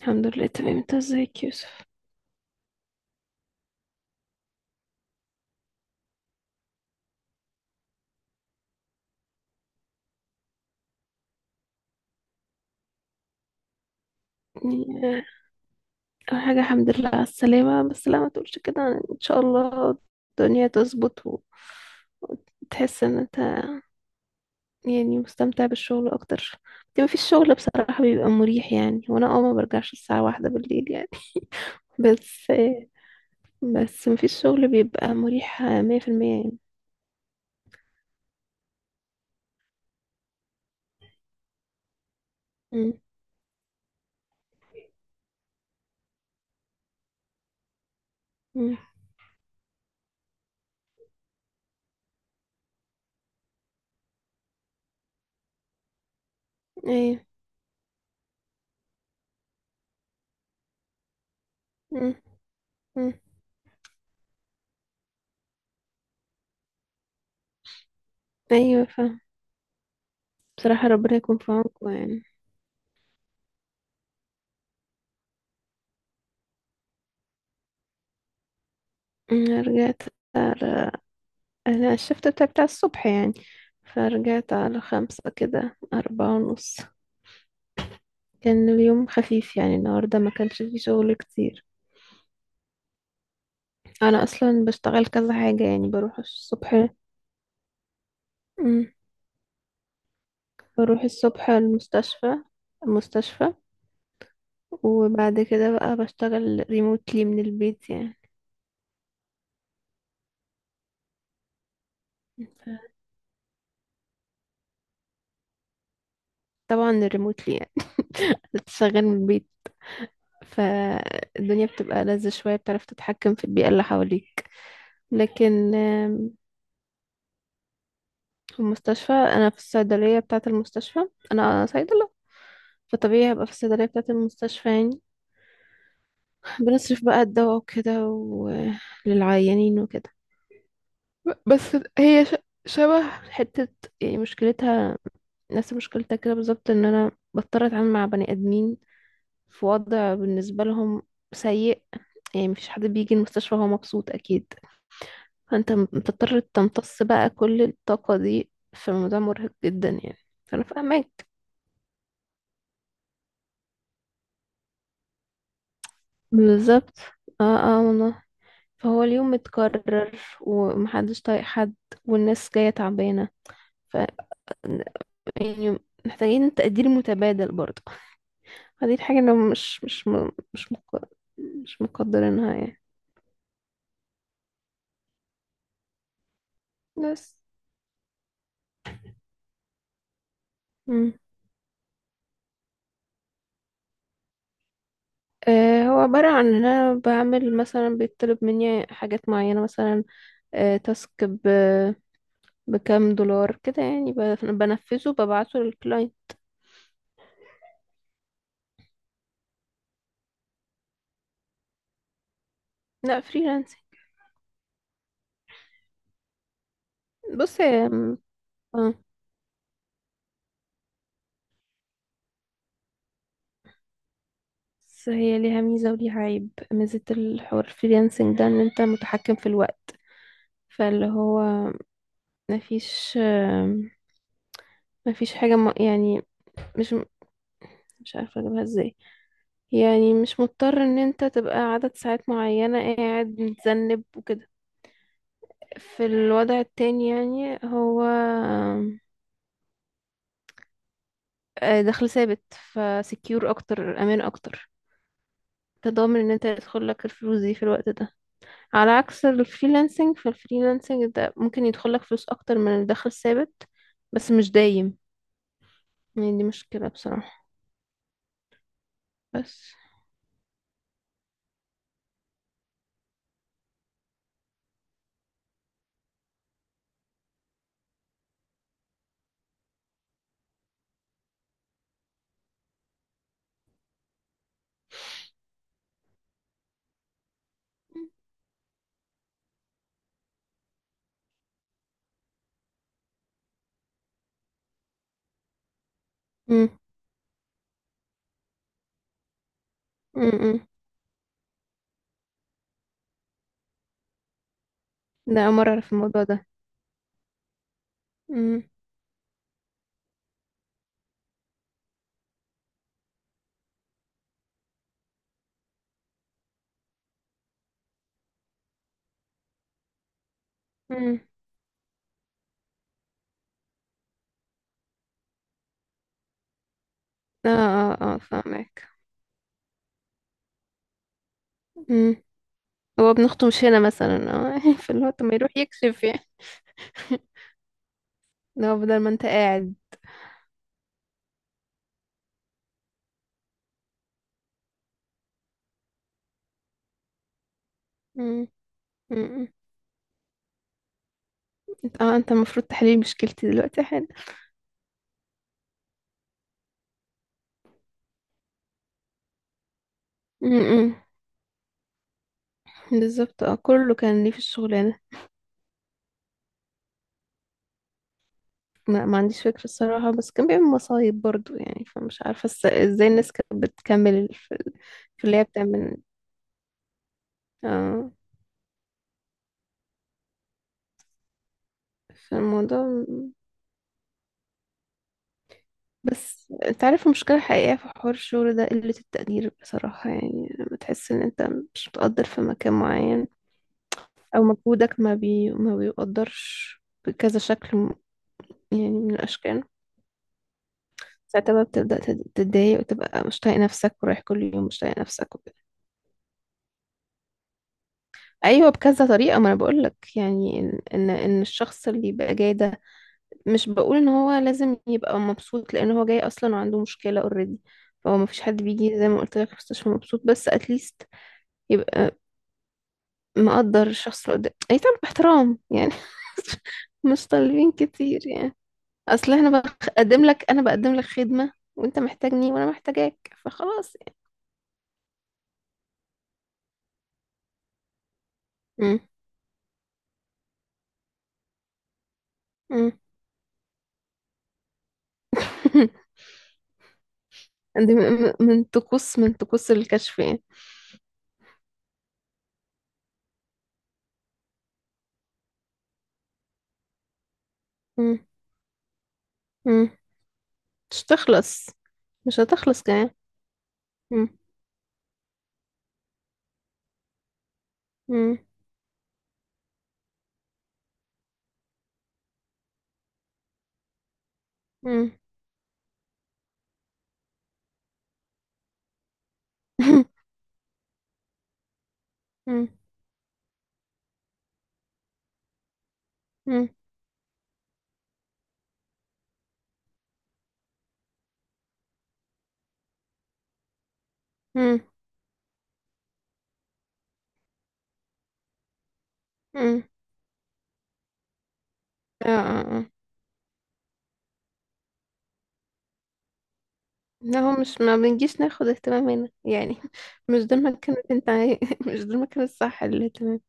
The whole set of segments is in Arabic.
الحمد لله، تمام. انت ازيك يا يوسف؟ يعني، آه، اول حاجه الحمد لله على السلامه. بس لا ما تقولش كده، يعني ان شاء الله الدنيا تظبط وتحس ان انت يعني مستمتع بالشغل اكتر. دي ما فيش شغل بصراحه بيبقى مريح، يعني وانا ما برجعش الساعه 1 بالليل يعني. بس بس ما فيش شغل بيبقى مريح 100% يعني. مم. مم. ايوه. مم. مم. ايوه، فاهم. بصراحه ربنا يكون في عونكم يعني. مم. رجعت، أنا الشفت بتاعي بتاع الصبح يعني، فرجعت على 5 كده، 4:30. كان اليوم خفيف يعني، النهاردة ما كانش فيه شغل كتير. أنا أصلا بشتغل كذا حاجة، يعني بروح الصبح. مم. بروح الصبح المستشفى. وبعد كده بقى بشتغل ريموتلي من البيت يعني. ف- طبعا الريموتلي، يعني بتشتغل من البيت، فالدنيا بتبقى لذة شوية، بتعرف تتحكم في البيئة اللي حواليك. لكن في المستشفى انا في الصيدليه بتاعه المستشفى، انا صيدله. فطبيعي هبقى في الصيدليه بتاعه المستشفى يعني. بنصرف بقى الدواء وكده، وللعيانين وكده. ب- بس هي ش- شبه حته، يعني مشكلتها نفس مشكلتها كده بالظبط، ان انا بضطر اتعامل مع بني ادمين في وضع بالنسبه لهم سيء. يعني مفيش حد بيجي المستشفى وهو مبسوط اكيد. فانت بتضطر تمتص بقى كل الطاقه دي، فالموضوع مرهق جدا يعني. فانا فاهمك، بالظبط. اه اه، والله. فهو اليوم متكرر ومحدش طايق حد، والناس جاية تعبانة. ف يعني محتاجين تقدير متبادل برضه. فدي الحاجة اللي مش مش م- مش مق... مش مقدرينها يعني. بس. مم. آه، هو عبارة عن ان انا بعمل مثلا، بيطلب مني حاجات معينة مثلا، تاسك بكام دولار كده يعني، بنفذه ببعته للكلاينت. لا، فريلانسنج. بص اه بس هي ليها ميزة وليها عيب. ميزة الحوار الفريلانسنج ده ان انت متحكم في الوقت. فاللي هو مفيش آم، مفيش حاجة يعني، مش مش عارفة اجيبها ازاي. يعني مش مضطر ان انت تبقى عدد ساعات معينة قاعد متذنب وكده. في الوضع التاني يعني هو آم، آه، دخل ثابت، فسكيور اكتر، امان اكتر، تضامن ان انت يدخل لك الفلوس دي في الوقت ده، على عكس الفريلانسنج. فالفريلانسنج ده ممكن يدخلك فلوس اكتر من الدخل الثابت، بس مش دايم. يعني دي مشكلة بصراحة. بس. امم. امم. ده أول مرة أعرف الموضوع ده. امم. امم. اه اه اه، فاهمك. امم. هو ابن أخته مش هنا مثلا. اه فاللي هو طب ما يروح يكشف يعني. لو بدل ما انت قاعد. امم. امم. انت المفروض تحليل مشكلتي دلوقتي حالا. امم. بالظبط، اه، كله كان ليه في الشغلانة. ما عنديش فكرة الصراحة، بس كان بيعمل مصايب برضو يعني. فمش عارفة ازاي الناس كانت بتكمل في اللي هي بتعمل. آه. في الموضوع. بس انت عارف المشكلة الحقيقية في حوار الشغل ده قلة التقدير بصراحة. يعني لما تحس ان انت مش متقدر في مكان معين، او مجهودك ما بيقدرش بكذا شكل يعني من الاشكال، ساعتها بقى بتبدأ تتضايق وتبقى مش طايق نفسك ورايح كل يوم مش طايق نفسك. ايوه، بكذا طريقه، ما انا بقول لك يعني ان ان إن الشخص اللي يبقى جاي ده مش بقول ان هو لازم يبقى مبسوط، لان هو جاي اصلا وعنده مشكله اوريدي. فهو ما فيش حد بيجي زي ما قلت لك مستشفى مبسوط، بس اتليست يبقى مقدر الشخص اللي قدام، يتعامل باحترام يعني. مش طالبين كتير يعني. اصل احنا بقدم لك انا بقدم لك خدمه، وانت محتاجني وانا محتاجاك، فخلاص يعني. امم. دي من طقوس الكشف يعني. مم. مم. مش هتخلص. مش هتخلص كمان. مم. مم. مم. مم. مم. مم. مم. اه اه اه. لا، هو مش ما بنجيش ناخد اهتمام هنا يعني. مش ده المكان اللي انت مش ده المكان الصح للاهتمام.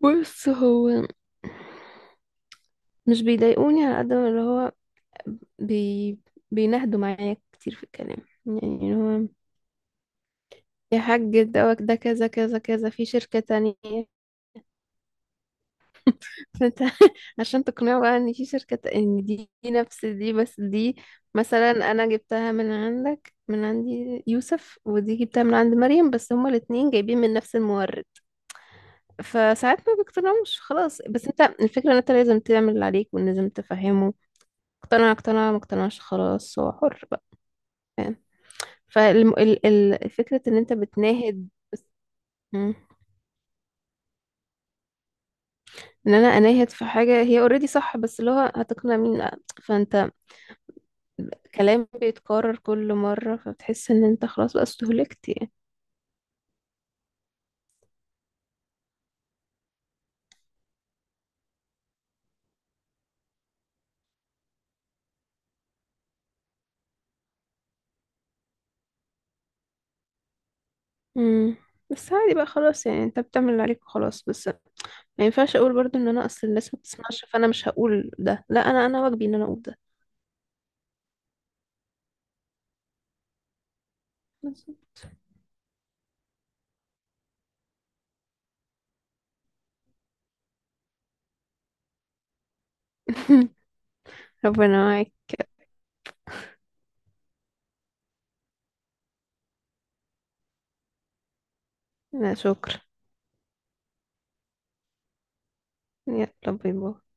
بص، هو مش بيضايقوني على قد ما اللي هو بي... بينهدوا معايا كتير في الكلام. يعني اللي هو يا حاج دوت ده كذا كذا كذا في شركة تانية، فانت عشان تقنعه بقى ان في شركة، ان دي نفس دي بس دي، مثلا انا جبتها من عندك، من عندي يوسف، ودي جبتها من عند مريم، بس هما الاتنين جايبين من نفس المورد. فساعات ما بيقتنعوش خلاص. بس انت الفكرة ان انت لازم تعمل اللي عليك ولازم تفهمه. اقتنع اقتنع، ما اقتنعش خلاص، هو حر بقى. فاهم. فالفكرة ان انت بتناهد. مم. ان انا اناهد في حاجة هي اوريدي صح، بس اللي هو هتقنع مين. فانت كلام بيتكرر كل مرة، فبتحس ان انت خلاص بقى استهلكت يعني. امم. بس عادي بقى خلاص، يعني انت بتعمل اللي عليك وخلاص. بس ما ينفعش اقول برضو ان انا اصل الناس ما بتسمعش، فانا مش هقول ده. لا، انا واجبي ان انا اقول ده. بس. ربنا معاك. لا شكرا. يلا باي باي.